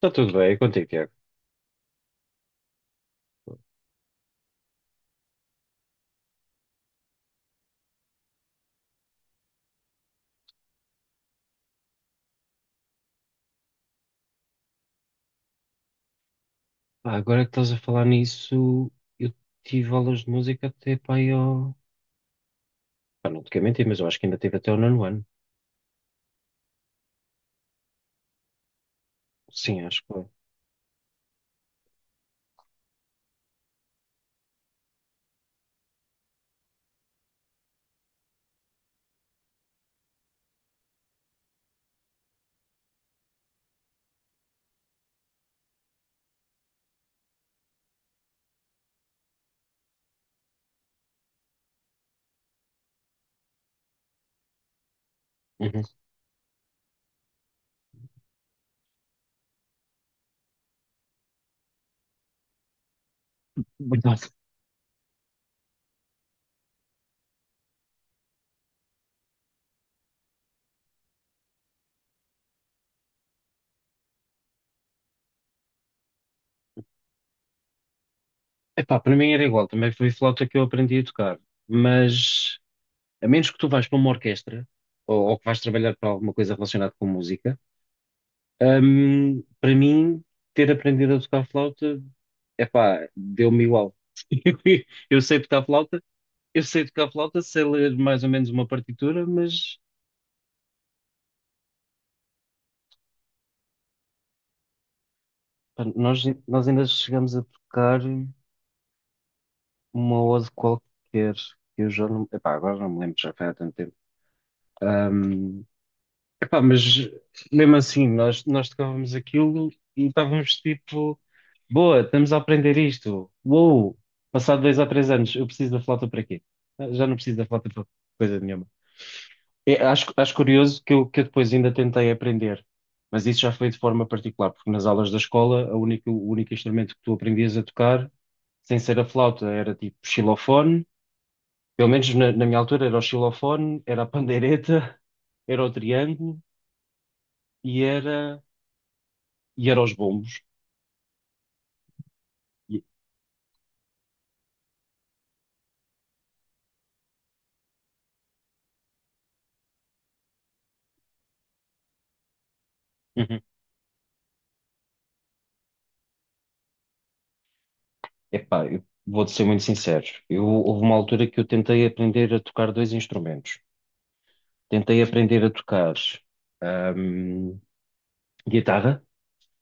Está tudo bem, é contigo, Tiago. Pá, agora que estás a falar nisso, eu tive aulas de música até pá, Pá, não te quero mentir, mas eu acho que ainda tive até o nono ano. Sim, acho que foi. Uhum. Então, epá, para mim era igual, também foi flauta que eu aprendi a tocar. Mas, a menos que tu vais para uma orquestra, ou que vais trabalhar para alguma coisa relacionada com música, para mim, ter aprendido a tocar flauta, epá, deu-me igual. Eu sei tocar flauta, Eu sei tocar flauta, sei ler mais ou menos uma partitura, mas pá, nós ainda chegamos a tocar uma ode qualquer, que eu já não, epá, agora não me lembro, já foi há tanto tempo. Ahm, epá, mas mesmo assim, nós tocávamos aquilo e estávamos tipo, boa, estamos a aprender isto. Uou, passado 2 ou 3 anos, eu preciso da flauta para quê? Ah, já não preciso da flauta para coisa nenhuma. É, acho curioso que eu depois ainda tentei aprender, mas isso já foi de forma particular, porque nas aulas da escola a única, o único instrumento que tu aprendias a tocar, sem ser a flauta, era tipo xilofone, pelo menos na minha altura era o xilofone, era a pandeireta, era o triângulo e era, e era os bombos. E, Uhum. Epá, eu vou-te ser muito sincero, houve uma altura que eu tentei aprender a tocar dois instrumentos. Tentei aprender a tocar, hum, guitarra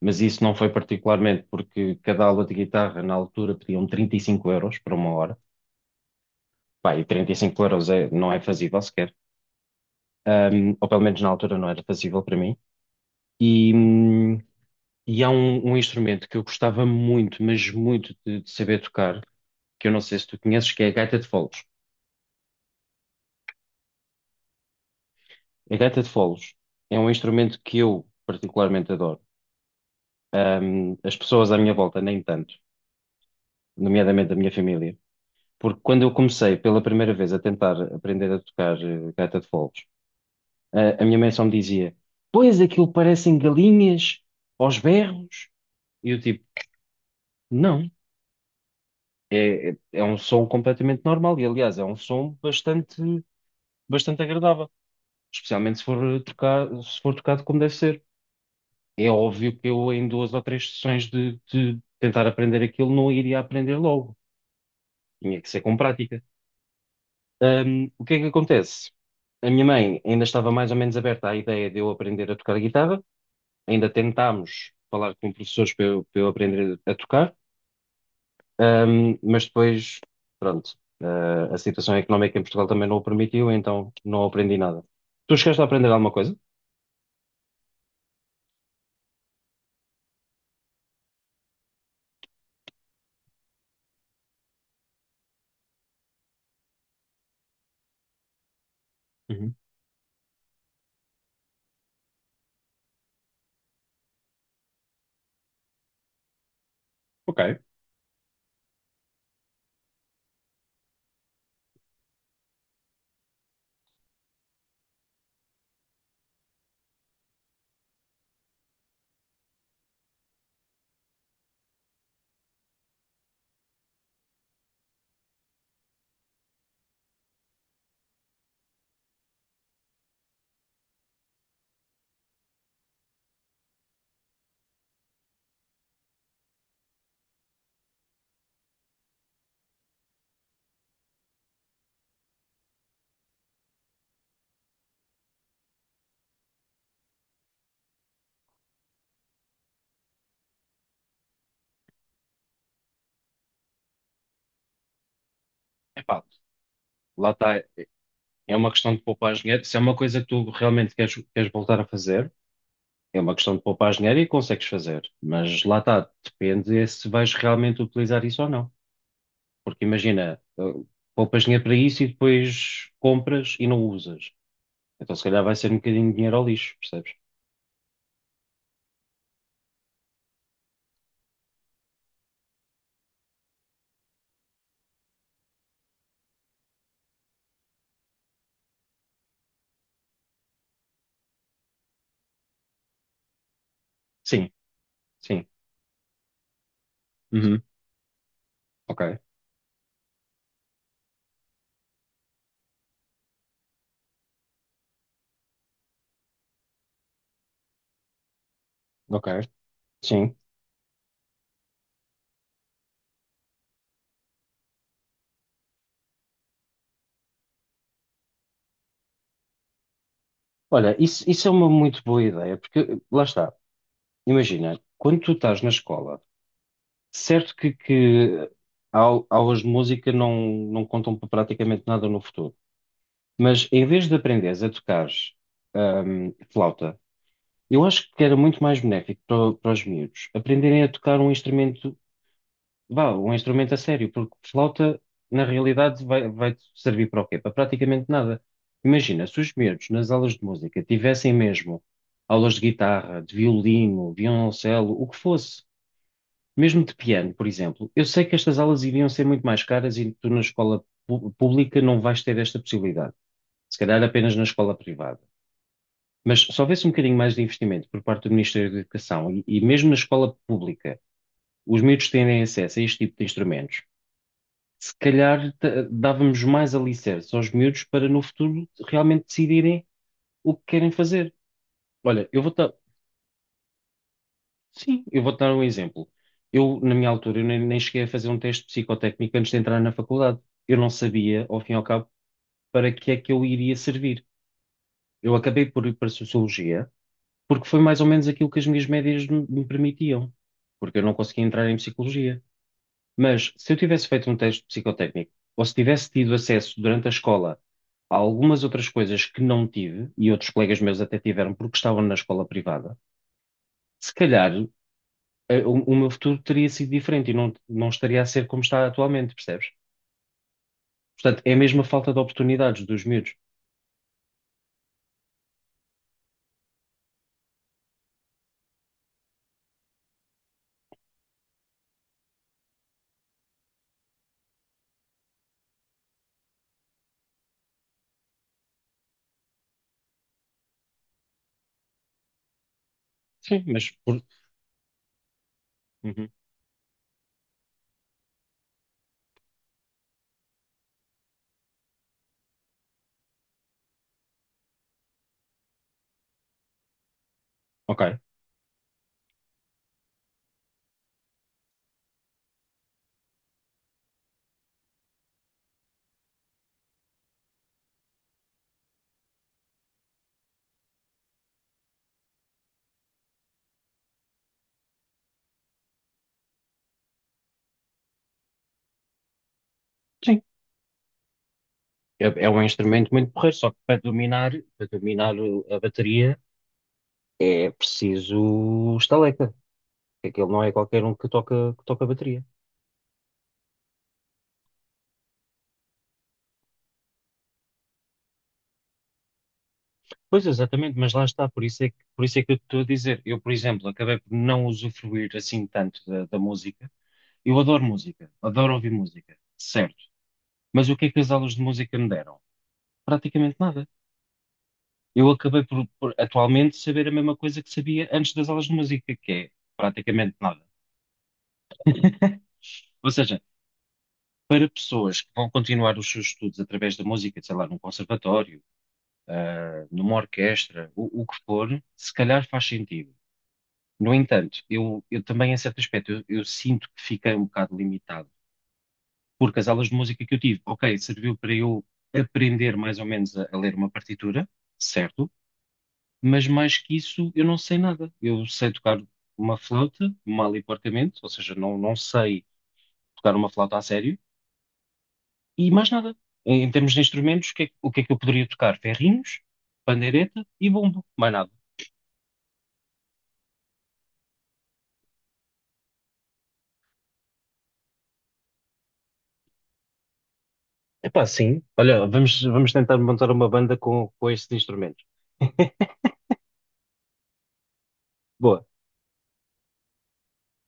mas isso não foi particularmente porque cada aula de guitarra na altura pediam 35 € para uma hora. Pá, e 35 € não é fazível sequer. Ou pelo menos na altura não era fazível para mim. E, hum, e há um instrumento que eu gostava muito, mas muito de saber tocar, que eu não sei se tu conheces, que é a gaita de foles. A gaita de foles é um instrumento que eu particularmente adoro. As pessoas à minha volta, nem tanto, nomeadamente a minha família. Porque quando eu comecei pela primeira vez a tentar aprender a tocar gaita de foles, a minha mãe só me dizia: Pois aquilo parecem galinhas aos berros. E eu, tipo, não, é um som completamente normal. E aliás, é um som bastante, bastante agradável, especialmente se for, tocar, se for tocado como deve ser. É óbvio que eu, em duas ou três sessões de tentar aprender aquilo, não iria aprender logo. Tinha que ser com prática. O que é que acontece? A minha mãe ainda estava mais ou menos aberta à ideia de eu aprender a tocar guitarra, ainda tentámos falar com professores para eu aprender a tocar, mas depois, pronto, ah, a situação económica em Portugal também não o permitiu, então não aprendi nada. Tu chegaste a aprender alguma coisa? Uhum. Ok. Epá, lá está, é uma questão de poupar dinheiro. Se é uma coisa que tu realmente queres, voltar a fazer, é uma questão de poupar dinheiro e consegues fazer. Mas lá está, depende é se vais realmente utilizar isso ou não. Porque imagina, poupas dinheiro para isso e depois compras e não usas. Então se calhar vai ser um bocadinho de dinheiro ao lixo, percebes? Sim, sim. Uhum. Ok, ok. Sim. Olha, isso é uma muito boa ideia, porque lá está. Imagina, quando tu estás na escola, certo que aulas de música não contam para praticamente nada no futuro, mas em vez de aprenderes a tocar flauta, eu acho que era muito mais benéfico para os miúdos aprenderem a tocar um instrumento. Vá, um instrumento a sério, porque flauta, na realidade, vai servir para o quê? Para praticamente nada. Imagina, se os miúdos nas aulas de música tivessem mesmo aulas de guitarra, de violino, violoncelo, o que fosse, mesmo de piano, por exemplo, eu sei que estas aulas iriam ser muito mais caras e tu na escola pública não vais ter esta possibilidade. Se calhar apenas na escola privada. Mas se houvesse um bocadinho mais de investimento por parte do Ministério da Educação e mesmo na escola pública, os miúdos terem acesso a este tipo de instrumentos se calhar dávamos mais alicerces aos miúdos para no futuro realmente decidirem o que querem fazer. Olha, sim, eu vou dar um exemplo. Eu, na minha altura, eu nem cheguei a fazer um teste psicotécnico antes de entrar na faculdade. Eu não sabia, ao fim e ao cabo, para que é que eu iria servir. Eu acabei por ir para a sociologia, porque foi mais ou menos aquilo que as minhas médias me permitiam, porque eu não conseguia entrar em psicologia. Mas se eu tivesse feito um teste psicotécnico, ou se tivesse tido acesso durante a escola a algumas outras coisas que não tive, e outros colegas meus até tiveram porque estavam na escola privada, se calhar o meu futuro teria sido diferente e não estaria a ser como está atualmente, percebes? Portanto, é mesmo a falta de oportunidades dos miúdos. Sim. Uhum. Ok. Sim. É, é um instrumento muito porreiro, só que para dominar, a bateria é preciso estaleca. Aquele não é qualquer um que toca a bateria. Pois exatamente, mas lá está, por isso é que eu te estou a dizer. Eu, por exemplo, acabei por não usufruir assim tanto da música. Eu adoro música, adoro ouvir música, certo. Mas o que é que as aulas de música me deram? Praticamente nada. Eu acabei por atualmente saber a mesma coisa que sabia antes das aulas de música, que é praticamente nada. Ou seja, para pessoas que vão continuar os seus estudos através da música, sei lá, num conservatório, ah, numa orquestra, o que for, se calhar faz sentido. No entanto, eu também, em certo aspecto, eu sinto que fiquei um bocado limitado, porque as aulas de música que eu tive, ok, serviu para eu aprender mais ou menos a ler uma partitura, certo, mas mais que isso, eu não sei nada. Eu sei tocar uma flauta, mal e porcamente, ou seja, não sei tocar uma flauta a sério, e mais nada. Em termos de instrumentos, o que é que eu poderia tocar? Ferrinhos, pandeireta e bombo, mais nada. Epá, sim. Olha, vamos tentar montar uma banda com estes instrumentos. Boa.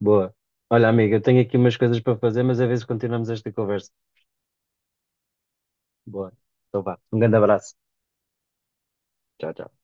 Boa. Olha, amiga, eu tenho aqui umas coisas para fazer, mas a ver se continuamos esta conversa. Boa. Então vá. Um grande abraço. Tchau, tchau.